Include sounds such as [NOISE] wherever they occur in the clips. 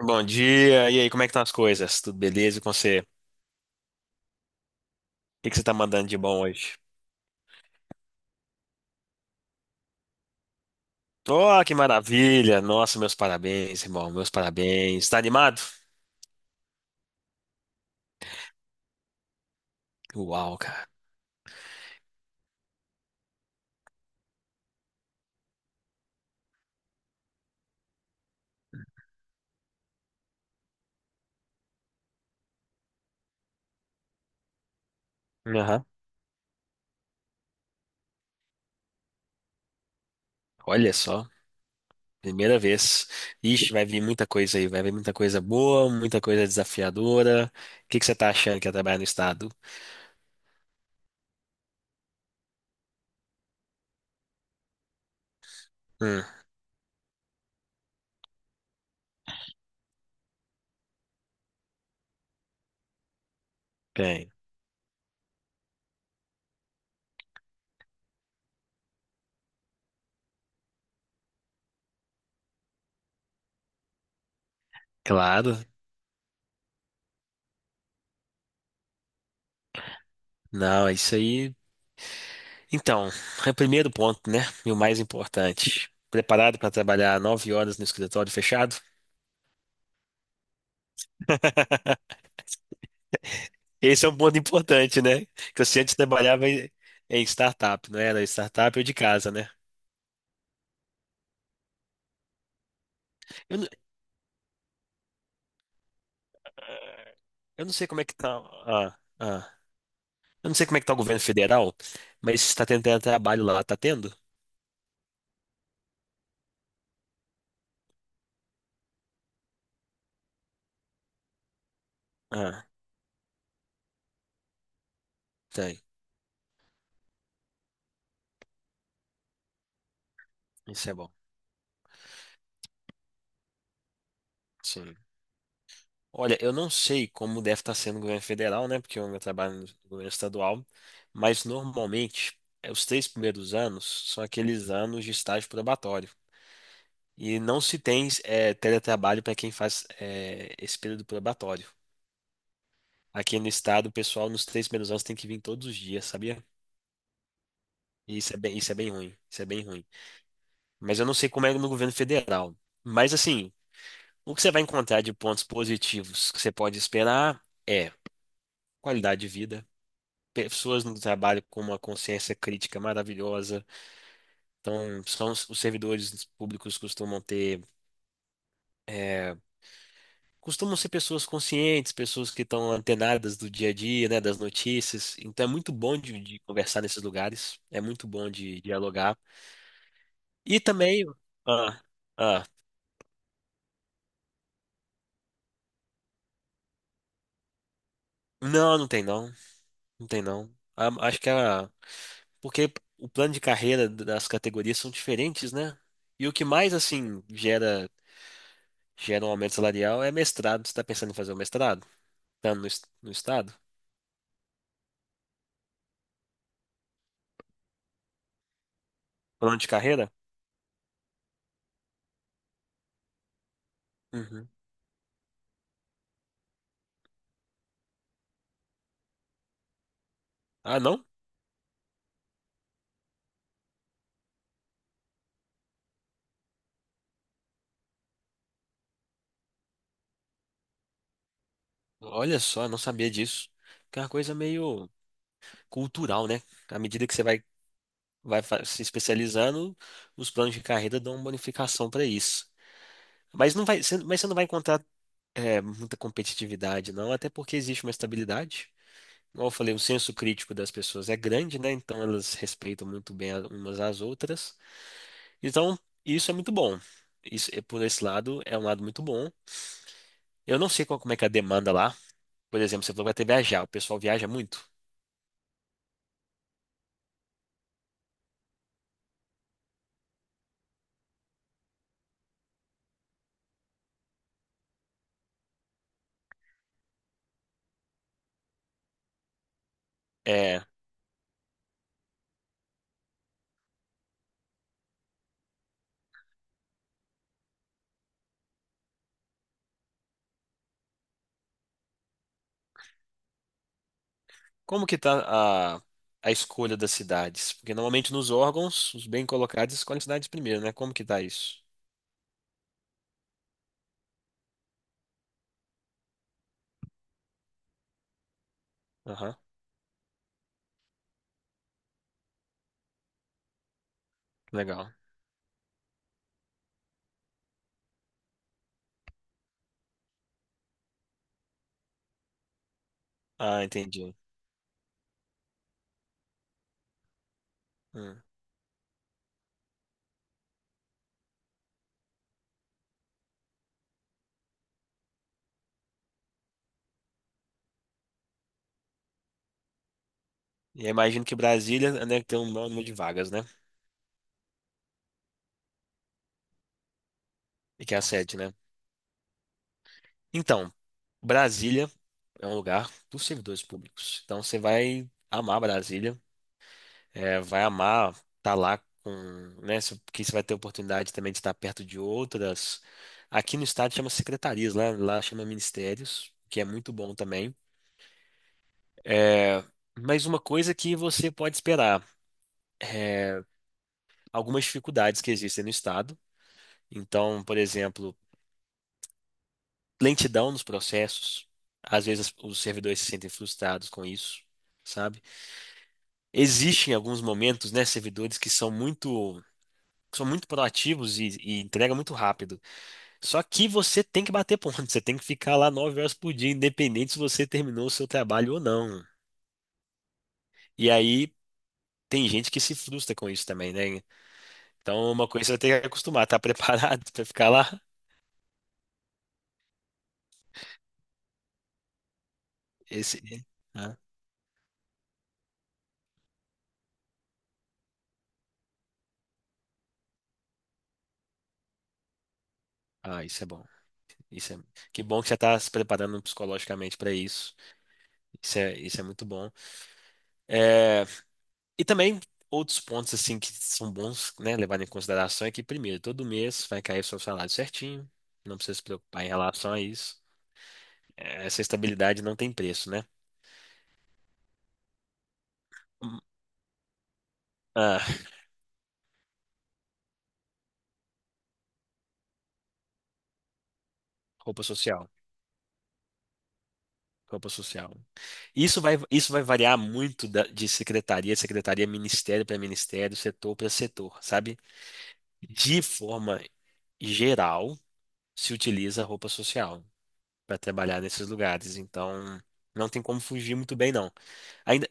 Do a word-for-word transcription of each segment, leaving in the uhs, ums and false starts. Bom dia, e aí, como é que estão as coisas? Tudo beleza e com você? O que que você tá mandando de bom hoje? Oh, que maravilha! Nossa, meus parabéns, irmão, meus parabéns. Tá animado? Uau, cara. Aham. Olha só, primeira vez. Ixi, vai vir muita coisa aí, vai vir muita coisa boa, muita coisa desafiadora. O que que você tá achando que é trabalhar no estado? Hum, Tem. Claro. Não, é isso aí. Então, é o primeiro ponto, né? E o mais importante. Preparado para trabalhar nove horas no escritório fechado? [LAUGHS] Esse é um ponto importante, né? Que você antes trabalhava em, em startup, não era? Startup ou de casa, né? Eu, n- eu não sei como é que tá. Ah, ah. Eu não sei como é que tá o governo federal, mas está tendo trabalho lá, tá tendo? Ah, tem. Isso é bom. Sim. Olha, eu não sei como deve estar sendo o governo federal, né? Porque eu meu trabalho no governo estadual, mas normalmente eh, os três primeiros anos são aqueles anos de estágio probatório. E não se tem é, teletrabalho para quem faz é, esse período probatório. Aqui no estado, o pessoal nos três primeiros anos tem que vir todos os dias, sabia? E isso é bem, isso é bem ruim. Isso é bem ruim. Mas eu não sei como é no governo federal. Mas assim, o que você vai encontrar de pontos positivos que você pode esperar é qualidade de vida, pessoas no trabalho com uma consciência crítica maravilhosa. Então, são os os servidores públicos costumam ter eh, costumam ser pessoas conscientes, pessoas que estão antenadas do dia a dia, né, das notícias. Então é muito bom de, de conversar nesses lugares, é muito bom de dialogar. E também, ah, ah, não, não tem não, não tem não. A- Acho que a, porque o plano de carreira das categorias são diferentes, né? E o que mais assim gera gera um aumento salarial é mestrado. Você está pensando em fazer o mestrado? Tá no, es- no estado? Plano de carreira? Uhum. Ah, não? Olha só, não sabia disso. Que é uma coisa meio cultural, né? À medida que você vai, vai fa- se especializando, os planos de carreira dão uma bonificação para isso. Mas não vai, você, mas você não vai encontrar é, muita competitividade, não, até porque existe uma estabilidade. Como eu falei, o senso crítico das pessoas é grande, né? Então elas respeitam muito bem a- umas às outras. Então, isso é muito bom. Isso, é- por esse lado, é um lado muito bom. Eu não sei qual, como é que é a demanda lá. Por exemplo, você falou que vai ter viajar. O pessoal viaja muito. É, como que tá a, a escolha das cidades? Porque normalmente nos órgãos, os bem colocados escolhem cidades primeiro, né? Como que tá isso? Aham, legal. Ah, entendi. Hum. E eu imagino que Brasília, né, tem um número de vagas, né? E que é a sede, né? Então, Brasília é um lugar dos servidores públicos. Então, você vai amar Brasília, é, vai amar estar lá com, né? se- Porque você vai ter oportunidade também de estar perto de outras. Aqui no estado chama secretarias, lá, lá chama ministérios, que é muito bom também. É, mas uma coisa que você pode esperar, algumas dificuldades que existem no Estado. Então, por exemplo, lentidão nos processos. Às vezes os servidores se sentem frustrados com isso, sabe? Existem alguns momentos, né, servidores que são muito, que são muito proativos e, e entregam muito rápido. Só que você tem que bater ponto, [LAUGHS] você tem que ficar lá nove horas por dia, independente se você terminou o seu trabalho ou não. E aí tem gente que se frustra com isso também, né? Então, uma coisa você vai ter que acostumar, tá preparado [LAUGHS] para ficar lá? Esse, ah, ah, isso é bom. Isso é, que bom que você está se preparando psicologicamente para isso. Isso é, isso é muito bom. É, e também outros pontos assim que são bons, né, levar em consideração é que primeiro, todo mês vai cair o seu salário certinho, não precisa se preocupar em relação a isso. É, essa estabilidade não tem preço, né? Hum, Ah, Roupa social. Roupa social. Isso vai, isso vai variar muito da- de secretaria, a secretaria, ministério para ministério, setor para setor, sabe? De forma geral, se utiliza roupa social para trabalhar nesses lugares. Então, não tem como fugir muito bem, não. Ainda,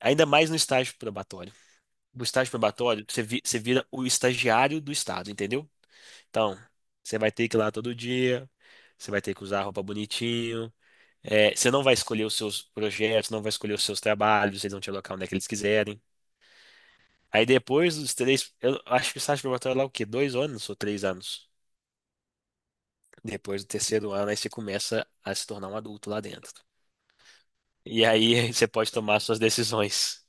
ainda mais no estágio probatório. No estágio probatório, você, vi- você vira o estagiário do Estado, entendeu? Então, você vai ter que ir lá todo dia, você vai ter que usar a roupa bonitinho. É, você não vai escolher os seus projetos, não vai escolher os seus trabalhos, eles vão te alocar onde é que eles quiserem. Aí depois dos três, eu acho que o estágio probatório é lá o quê? Dois anos ou três anos? Depois do terceiro ano, aí você começa a se tornar um adulto lá dentro. E aí [LAUGHS] você pode tomar suas decisões.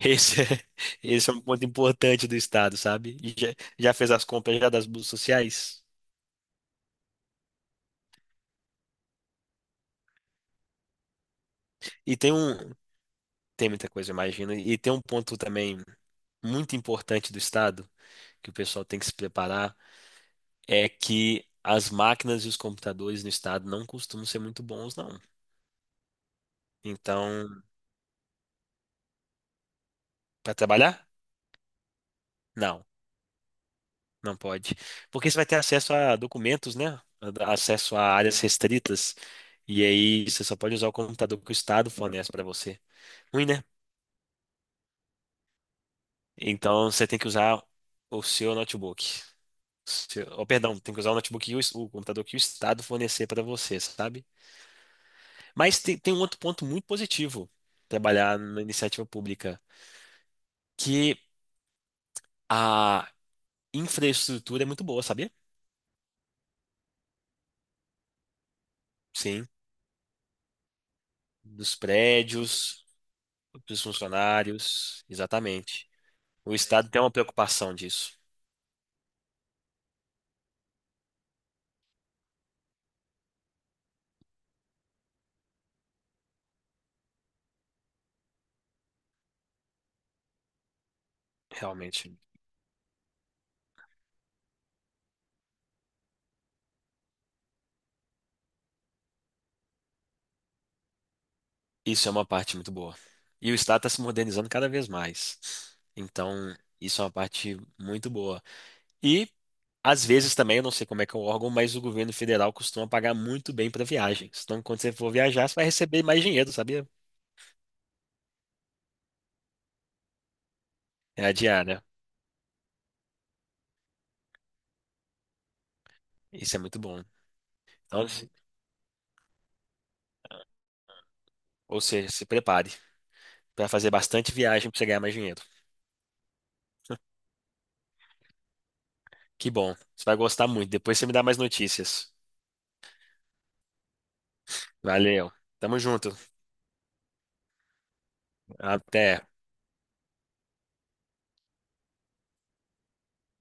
Esse é, [LAUGHS] esse é um ponto importante do Estado, sabe? E Já, já fez as compras já das bolsas sociais? E tem um, tem muita coisa, imagina. E tem um ponto também muito importante do Estado, que o pessoal tem que se preparar é que as máquinas e os computadores no estado não costumam ser muito bons, não. Então, para trabalhar? Não, não pode. Porque você vai ter acesso a documentos, né? A- Acesso a áreas restritas. E aí você só pode usar o computador que o estado fornece para você. Ruim, né? Então você tem que usar o seu notebook. Seu- Oh, perdão, tem que usar o notebook e o, es- o computador que o estado fornecer para você, sabe? Mas tem, tem um outro ponto muito positivo trabalhar na iniciativa pública, que infraestrutura é muito boa, sabia? Sim, dos prédios, dos funcionários, exatamente. O Estado tem uma preocupação disso, realmente. Isso é uma parte muito boa. E o Estado está se modernizando cada vez mais. Então, isso é uma parte muito boa. E, às vezes também, eu não sei como é que é o órgão, mas o governo federal costuma pagar muito bem para viagens. Então, quando você for viajar, você vai receber mais dinheiro, sabia? É a diária. Isso é muito bom. Então, se- ou seja, se prepare. Pra fazer bastante viagem pra você ganhar mais dinheiro. Que bom. Você vai gostar muito. Depois você me dá mais notícias. Valeu. Tamo junto. Até.